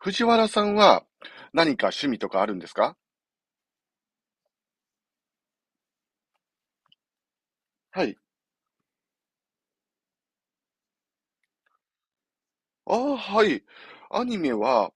藤原さんは何か趣味とかあるんですか？はい。ああ、はい。アニメは、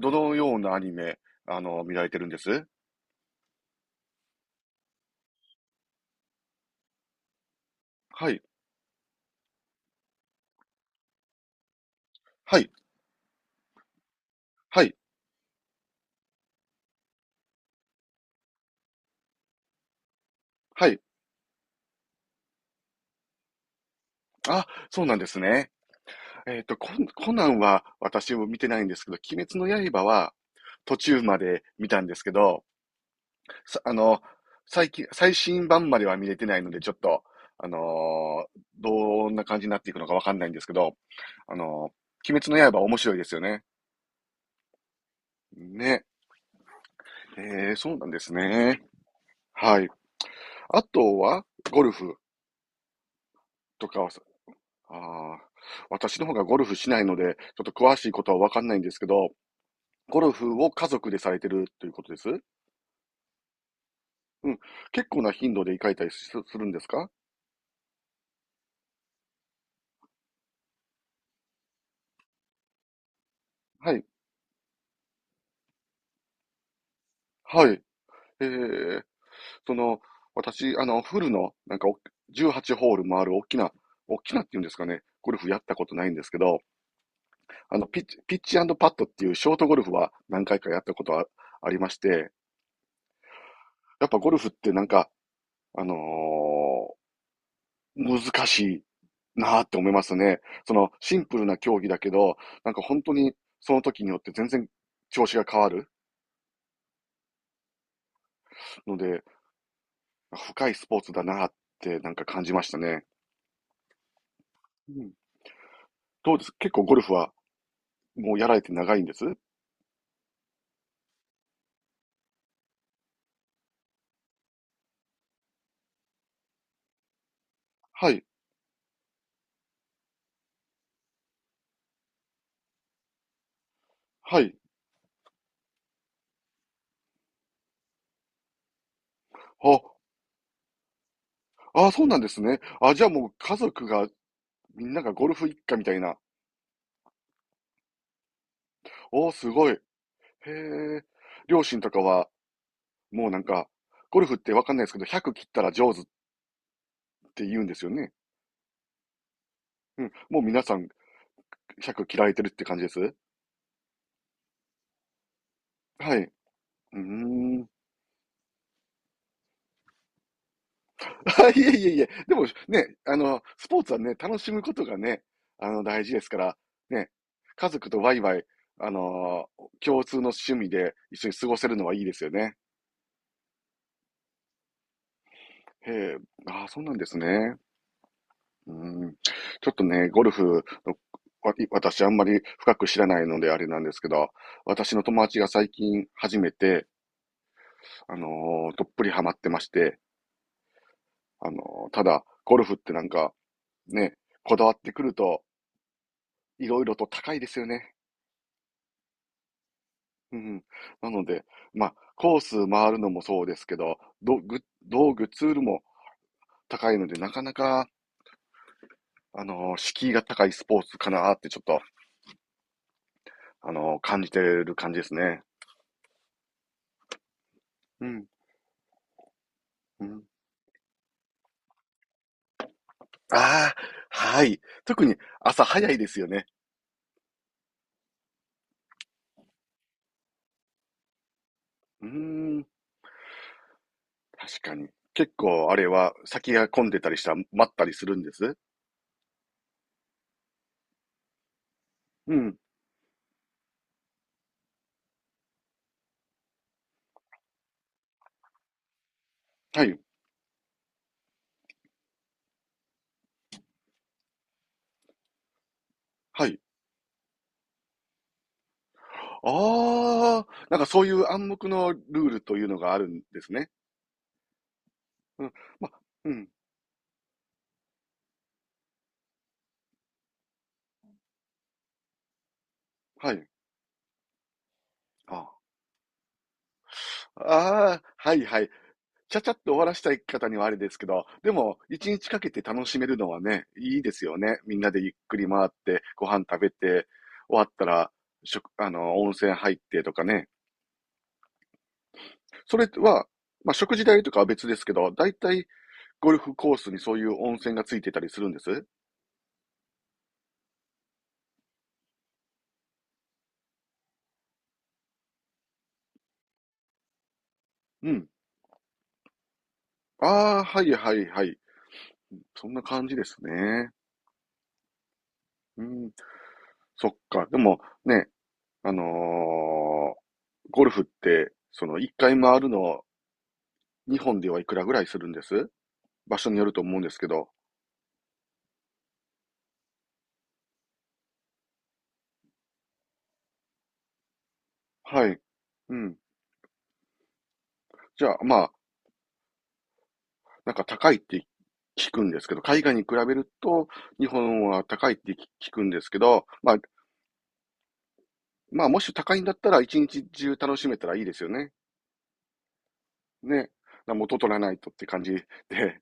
どのようなアニメ、見られてるんです？はい。はい。はい。はい。あ、そうなんですね。えっと、コンコナンは私も見てないんですけど、鬼滅の刃は途中まで見たんですけど、さ、最近、最新版までは見れてないので、ちょっと、どんな感じになっていくのかわかんないんですけど、あの鬼滅の刃面白いですよね。ね。えそうなんですね。はい。あとは、ゴルフとかはさ、ああ、私の方がゴルフしないので、ちょっと詳しいことはわかんないんですけど、ゴルフを家族でされてるということです？うん。結構な頻度で行かれたりすするんですか？はい。はい。えー、その、私、フルの、なんかお、18ホール回る大きな、大きなっていうんですかね、ゴルフやったことないんですけど、ピッチ、ピッチパッドっていうショートゴルフは何回かやったことはありまして、やっぱゴルフってなんか、あのー難しいなーって思いますね。そのシンプルな競技だけど、なんか本当にその時によって全然調子が変わるので、深いスポーツだなーってなんか感じましたね。うん、どうです結構ゴルフはもうやられて長いんです？はい、はい。あ、あ、そうなんですね。あ、じゃあもう家族がみんながゴルフ一家みたいな。おー、すごい。へえ。両親とかはもうなんか、ゴルフってわかんないですけど、100切ったら上手って言うんですよね。うん。もう皆さん100切られてるって感じです。はい。うーん。あ、いえいえいえ。でもね、スポーツはね、楽しむことがね、大事ですから、ね、家族とワイワイ、あの、共通の趣味で一緒に過ごせるのはいいですよね。へえ、ああ、そうなんですね。うん。ちょっとね、ゴルフの、わ私あんまり深く知らないのであれなんですけど、私の友達が最近初めて、あのどっぷりハマってまして、あのただ、ゴルフってなんか、ね、こだわってくると、いろいろと高いですよね。うん。なので、まあ、コース回るのもそうですけど、道具、ツールも高いので、なかなか、敷居が高いスポーツかなってちょっと、感じてる感じですね。うん。うん。ああ、はい。特に朝早いですよね。うーん、確かに。結構あれは先が混んでたりしたら待ったりするんです？うん、はい、はい。ああ、なんかそういう暗黙のルールというのがあるんですね。うん、ま、うん、はい。ああ、あーはいはい。ちゃちゃっと終わらしたい方にはあれですけど、でも、一日かけて楽しめるのはね、いいですよね。みんなでゆっくり回って、ご飯食べて、終わったら、食、温泉入ってとかね。それは、まあ、食事代とかは別ですけど、だいたいゴルフコースにそういう温泉がついてたりするんです？うん。ああ、はいはいはい。そんな感じですね。うん。そっか。でも、ね、あのーゴルフって、その一回回るの、日本ではいくらぐらいするんです？場所によると思うんですけど、はい。うん。じゃあ、まあ、なんか高いって聞くんですけど、海外に比べると日本は高いって聞くんですけど、まあ、もし高いんだったら一日中楽しめたらいいですよね。ね。元取らないとって感じで、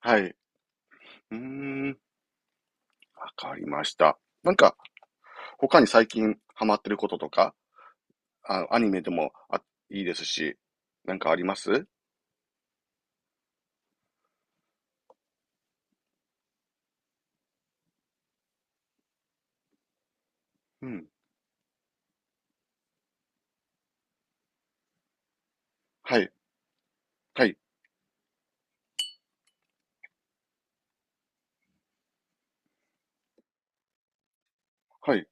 はい。うーん、わかりました。なんか、他に最近ハマってることとか、あ、アニメでもあ、いいですし、なんかあります？うん。はい。はい。はい。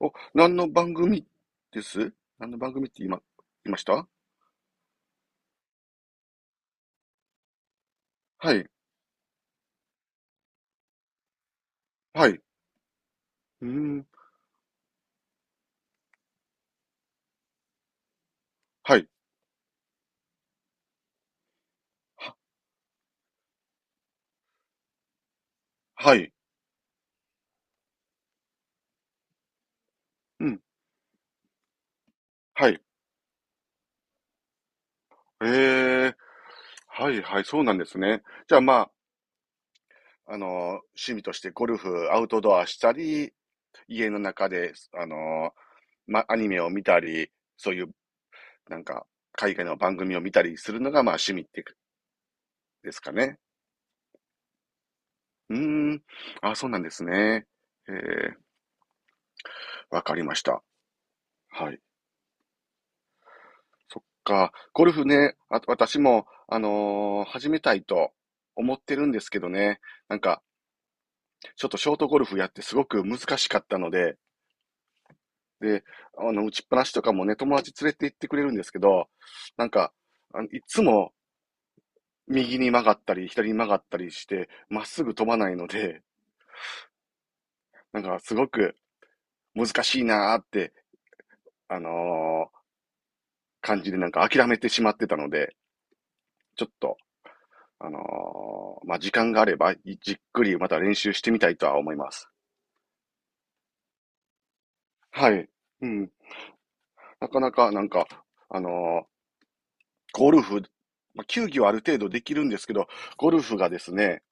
お、何の番組です？何の番組って今、言いました？はい。はい。うーん。はい。は、はい。うん。はい。ええ、はいはい、そうなんですね。じゃあまあ、趣味としてゴルフ、アウトドアしたり、家の中で、あの、ま、アニメを見たり、そういう、なんか、海外の番組を見たりするのが、まあ、趣味ってですかね。うーん。あ、そうなんですね。ええ、わかりました。はい。そっか。ゴルフね、あ、私も、始めたいと思ってるんですけどね。なんか、ちょっとショートゴルフやってすごく難しかったので、で、打ちっぱなしとかもね、友達連れて行ってくれるんですけど、なんか、あのいつも右に曲がったり、左に曲がったりして、まっすぐ飛ばないので、なんか、すごく難しいなーって、あのー感じでなんか諦めてしまってたので、ちょっと、あのまあ、時間があれば、じっくりまた練習してみたいとは思います。はい。うん。なかなか、なんか、あのーゴルフ、まあ、球技はある程度できるんですけど、ゴルフがですね、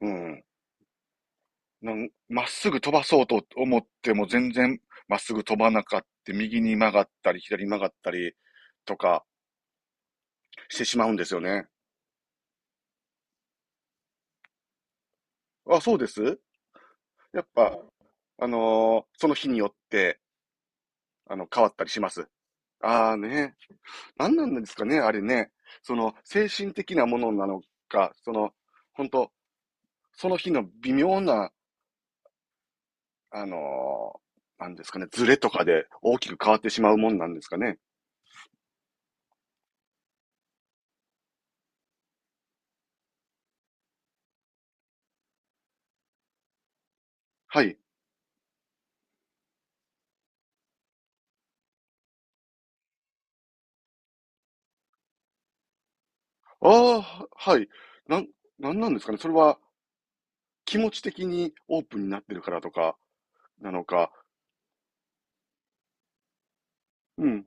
うん。なんまっすぐ飛ばそうと思っても全然まっすぐ飛ばなかって、右に曲がったり、左に曲がったりとかしてしまうんですよね。あ、そうです？やっぱ、その日によって、変わったりします。ああね。何なんですかね、あれね。その、精神的なものなのか、その、本当その日の微妙な、あのーなんですかね、ズレとかで大きく変わってしまうもんなんですかね。はい。ああ、はい。なん、なんなんですかね。それは気持ち的にオープンになってるからとか、なのか。うん。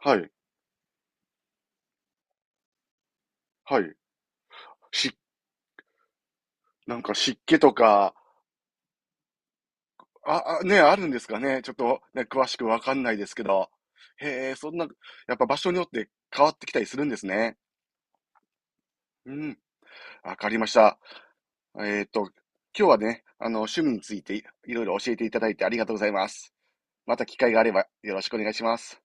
はい。はい。し、なんか湿気とか、あ、あ、ね、あるんですかね。ちょっとね、詳しくわかんないですけど。へえ、そんな、やっぱ場所によって変わってきたりするんですね。うん、わかりました。えっと、今日はね、趣味についていいろいろ教えていただいてありがとうございます。また機会があればよろしくお願いします。